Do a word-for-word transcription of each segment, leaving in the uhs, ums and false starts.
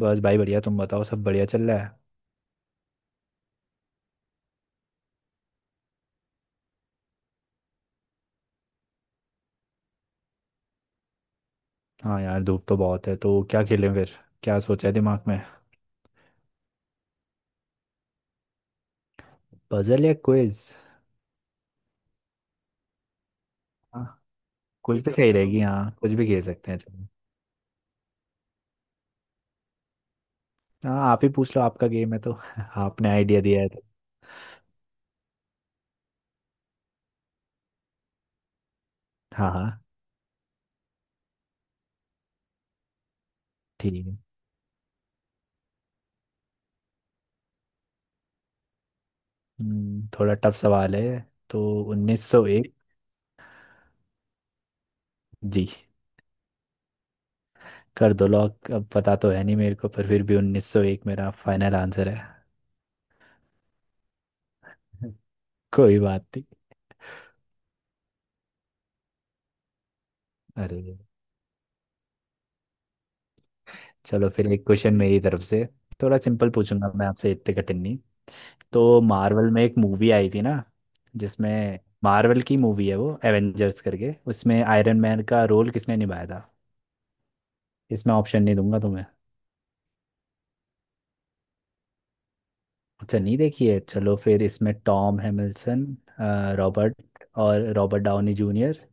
बस भाई, बढ़िया। तुम बताओ, सब बढ़िया चल रहा है। हाँ यार, धूप तो बहुत है, तो क्या खेलें फिर? क्या सोचा है दिमाग में? पजल या क्विज? हाँ, क्विज कुछ भी भी सही बता दो, रहेगी। हाँ, कुछ भी खेल सकते हैं, चलो। हाँ, आप ही पूछ लो, आपका गेम है तो। आपने आइडिया दिया है तो। हाँ हाँ। ठीक है। हम्म, थोड़ा टफ सवाल है। तो उन्नीस सौ एक। जी। कर दो लॉक, अब पता तो है नहीं मेरे को, पर फिर भी उन्नीस सौ एक मेरा फाइनल आंसर है। कोई बात नहीं। अरे। चलो फिर एक क्वेश्चन मेरी तरफ से। थोड़ा सिंपल पूछूंगा मैं आपसे, इतने कठिन नहीं। तो मार्वल में एक मूवी आई थी ना, जिसमें मार्वल की मूवी है वो एवेंजर्स करके, उसमें आयरन मैन का रोल किसने निभाया था? इसमें ऑप्शन नहीं दूंगा तुम्हें। अच्छा नहीं देखी है, चलो फिर इसमें टॉम हैमिल्सन, रॉबर्ट, और रॉबर्ट डाउनी जूनियर,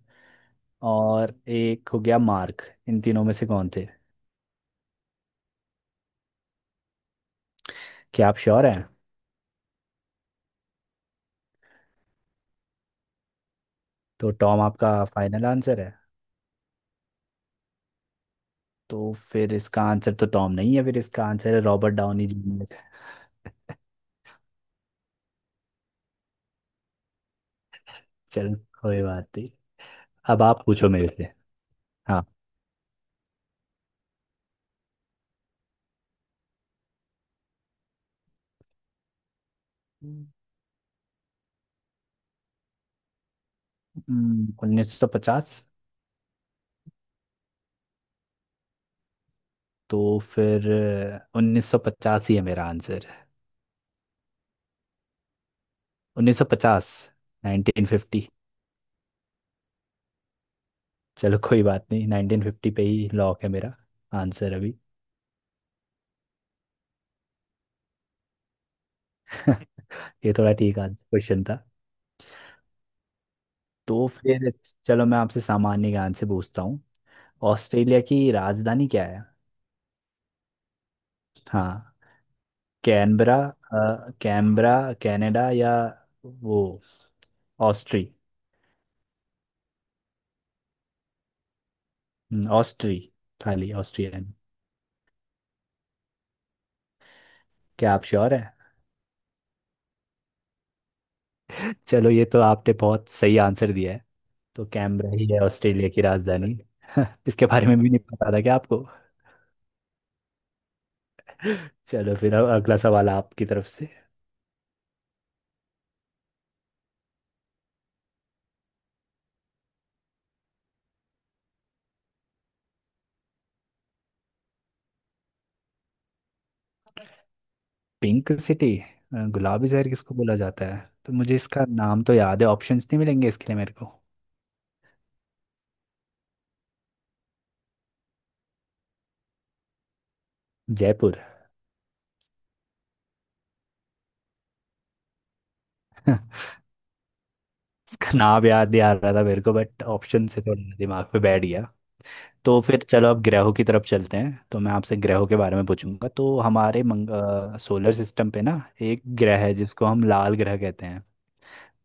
और एक हो गया मार्क। इन तीनों में से कौन थे? क्या आप श्योर हैं? तो टॉम आपका फाइनल आंसर है। तो फिर इसका आंसर तो टॉम नहीं है, फिर इसका आंसर है रॉबर्ट डाउनी जूनियर। चल, कोई बात नहीं। अब आप पूछो मेरे से। हाँ। हम्म, उन्नीस सौ पचास। तो फिर उन्नीस सौ पचास ही है मेरा आंसर। उन्नीस सौ पचास। Nineteen fifty. चलो कोई बात नहीं, नाइनटीन फिफ्टी पे ही लॉक है मेरा आंसर अभी। ये थोड़ा ठीक आंसर क्वेश्चन था। तो फिर चलो, मैं आपसे सामान्य ज्ञान से पूछता हूँ। ऑस्ट्रेलिया की राजधानी क्या है? हाँ, कैनबरा। अ, कैनबरा, कनाडा, या वो ऑस्ट्री। हम्म, ऑस्ट्री, खाली ऑस्ट्रियन। क्या आप श्योर है? चलो, ये तो आपने बहुत सही आंसर दिया है। तो कैनबरा ही है ऑस्ट्रेलिया की राजधानी। इसके बारे में भी नहीं पता था क्या आपको? चलो फिर अब अगला सवाल आपकी तरफ से। Pink city. अ, गुलाबी शहर किसको बोला जाता है तो मुझे इसका नाम तो याद है, ऑप्शंस नहीं मिलेंगे इसके लिए मेरे को। जयपुर। इसका नाम याद नहीं आ रहा था मेरे को, बट ऑप्शन से थोड़ा दिमाग पे बैठ गया। तो फिर चलो अब ग्रहों की तरफ चलते हैं, तो मैं आपसे ग्रहों के बारे में पूछूंगा। तो हमारे मंग, सोलर सिस्टम पे ना एक ग्रह है जिसको हम लाल ग्रह कहते हैं,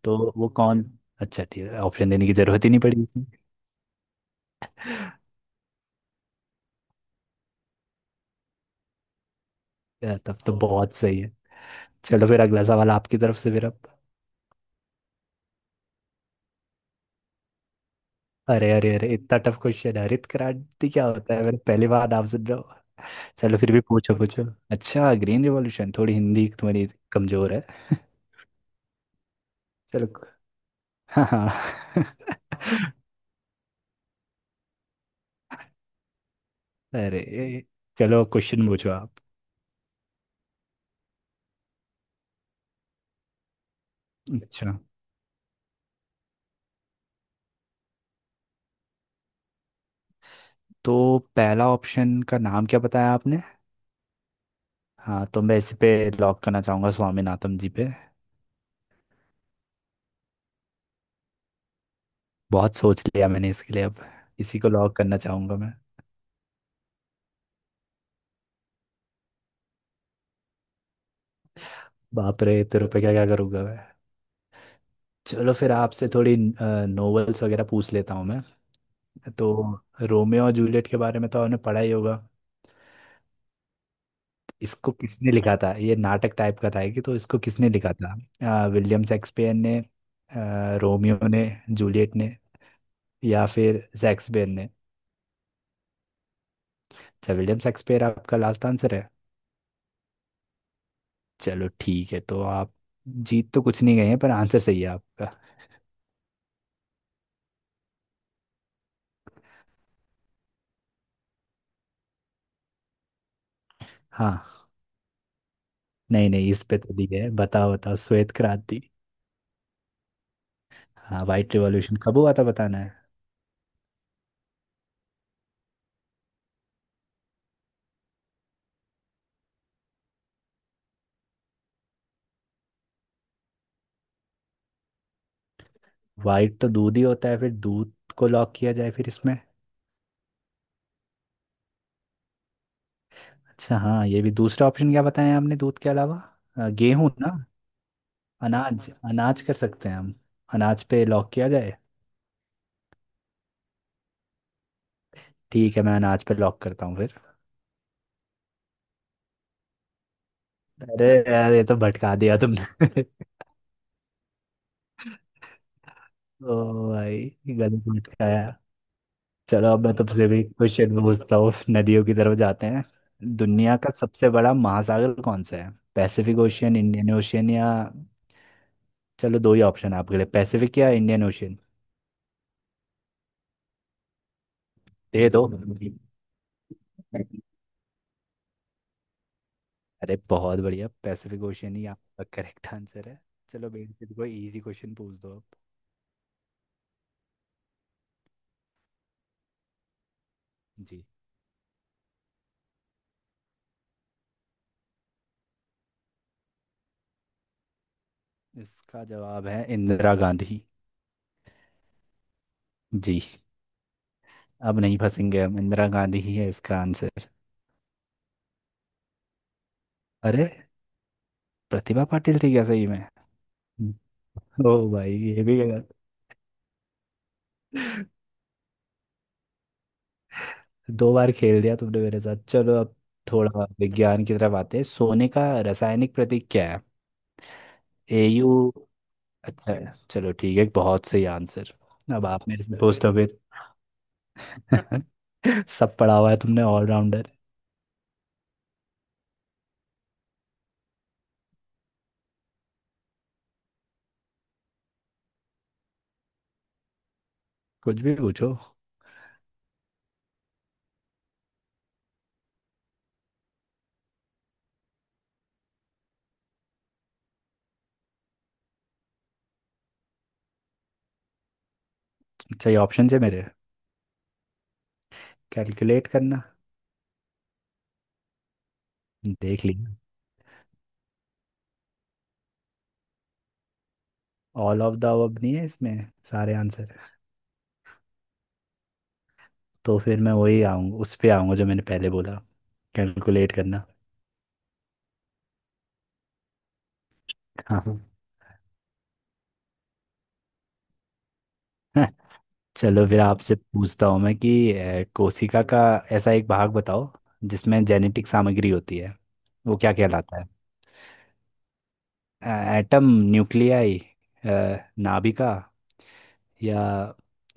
तो वो कौन? अच्छा ठीक है, ऑप्शन देने की जरूरत ही नहीं पड़ी इसमें। अ, तब तो बहुत सही है। चलो फिर अगला सवाल आपकी तरफ से फिर अब। अरे अरे अरे, इतना टफ क्वेश्चन है। हरित क्रांति क्या होता है? मैंने पहली बार आपसे ड्रॉ। चलो फिर भी पूछो पूछो। अच्छा, ग्रीन रिवॉल्यूशन, थोड़ी हिंदी तुम्हारी कमजोर है। चलो। हाँ हाँ। अरे, चलो क्वेश्चन पूछो आप। अच्छा तो पहला ऑप्शन का नाम क्या बताया आपने? हाँ, तो मैं इस पे लॉक करना चाहूंगा, स्वामीनाथन जी पे। बहुत सोच लिया मैंने इसके लिए अब, इसी को लॉक करना चाहूंगा मैं। बाप रे, तेरे पे क्या क्या करूंगा मैं। चलो फिर आपसे थोड़ी नॉवेल्स वगैरह पूछ लेता हूँ मैं। तो रोमियो और जूलियट के बारे में तो आपने पढ़ा ही होगा। इसको किसने लिखा था? ये नाटक टाइप का था कि, तो इसको किसने लिखा था? अ, विलियम शेक्सपियर ने, अ, रोमियो ने, जूलियट ने, या फिर शेक्सपियर ने। अच्छा, विलियम शेक्सपियर आपका लास्ट आंसर है। चलो ठीक है, तो आप जीत तो कुछ नहीं गए हैं, पर आंसर सही है आपका। हाँ। नहीं नहीं, इस पे तो दी है, बताओ बताओ श्वेत क्रांति। हाँ, व्हाइट रिवॉल्यूशन कब हुआ था बताना है। वाइट तो दूध ही होता है, फिर दूध को लॉक किया जाए फिर इसमें। अच्छा हाँ, ये भी दूसरा ऑप्शन क्या बताया आपने दूध के अलावा? अ, गेहूं ना। अनाज, अनाज कर सकते हैं हम, अनाज पे लॉक किया जाए। ठीक है, मैं अनाज पे लॉक करता हूँ फिर। अरे यार, ये तो भटका दिया तुमने। ओ भाई, ये गलत मटकाया। चलो अब मैं तुमसे भी क्वेश्चन पूछता हूँ, नदियों की तरफ जाते हैं। दुनिया का सबसे बड़ा महासागर कौन सा है? पैसिफिक ओशियन, इंडियन ओशियन, या चलो दो ही ऑप्शन है आपके लिए, पैसिफिक या इंडियन ओशियन। दे दो। अरे बहुत बढ़िया, पैसिफिक ओशियन ही आपका करेक्ट आंसर है। चलो बेटे, कोई इजी क्वेश्चन पूछ दो अब। जी। इसका जवाब है इंदिरा गांधी। जी। अब नहीं फंसेंगे हम, इंदिरा गांधी ही है इसका आंसर। अरे, प्रतिभा पाटिल थी क्या सही में? ओ भाई, ये भी गलत। दो बार खेल दिया तुमने मेरे साथ। चलो अब थोड़ा विज्ञान की तरफ आते हैं। सोने का रासायनिक प्रतीक क्या है? एयू। अच्छा है। चलो ठीक है, बहुत सही आंसर। अब आप मेरे से पूछ लो फिर। सब पढ़ा हुआ है तुमने, ऑलराउंडर। कुछ भी पूछो। अच्छा ये ऑप्शन है मेरे। कैलकुलेट करना, देख लिया। ऑल ऑफ द अब नहीं है इसमें, सारे आंसर। तो फिर मैं वही आऊँगा, उस पे आऊँगा जो मैंने पहले बोला, कैलकुलेट करना। हाँ। चलो फिर आपसे पूछता हूँ मैं कि अ, कोशिका का ऐसा एक भाग बताओ जिसमें जेनेटिक सामग्री होती है, वो क्या कहलाता है? एटम, न्यूक्लियाई, नाभिका, या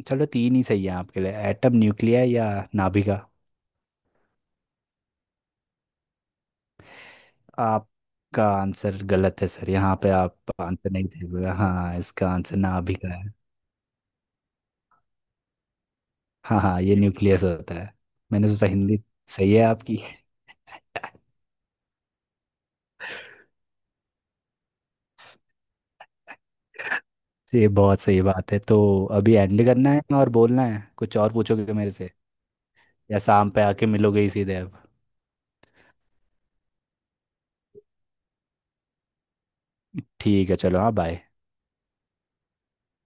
चलो तीन ही सही है आपके लिए, एटम, न्यूक्लियाई, या नाभिका। आपका आंसर गलत है सर, यहाँ पे आप आंसर नहीं दे रहे हो। हाँ, इसका आंसर नाभिका। हाँ हाँ, ये न्यूक्लियस होता है। मैंने सोचा हिंदी सही है आपकी। ये बहुत सही बात है तो। अभी एंड करना है और बोलना है, कुछ और पूछोगे मेरे से? या शाम पे आके मिलोगे ही सीधे अब? ठीक है चलो, हाँ बाय।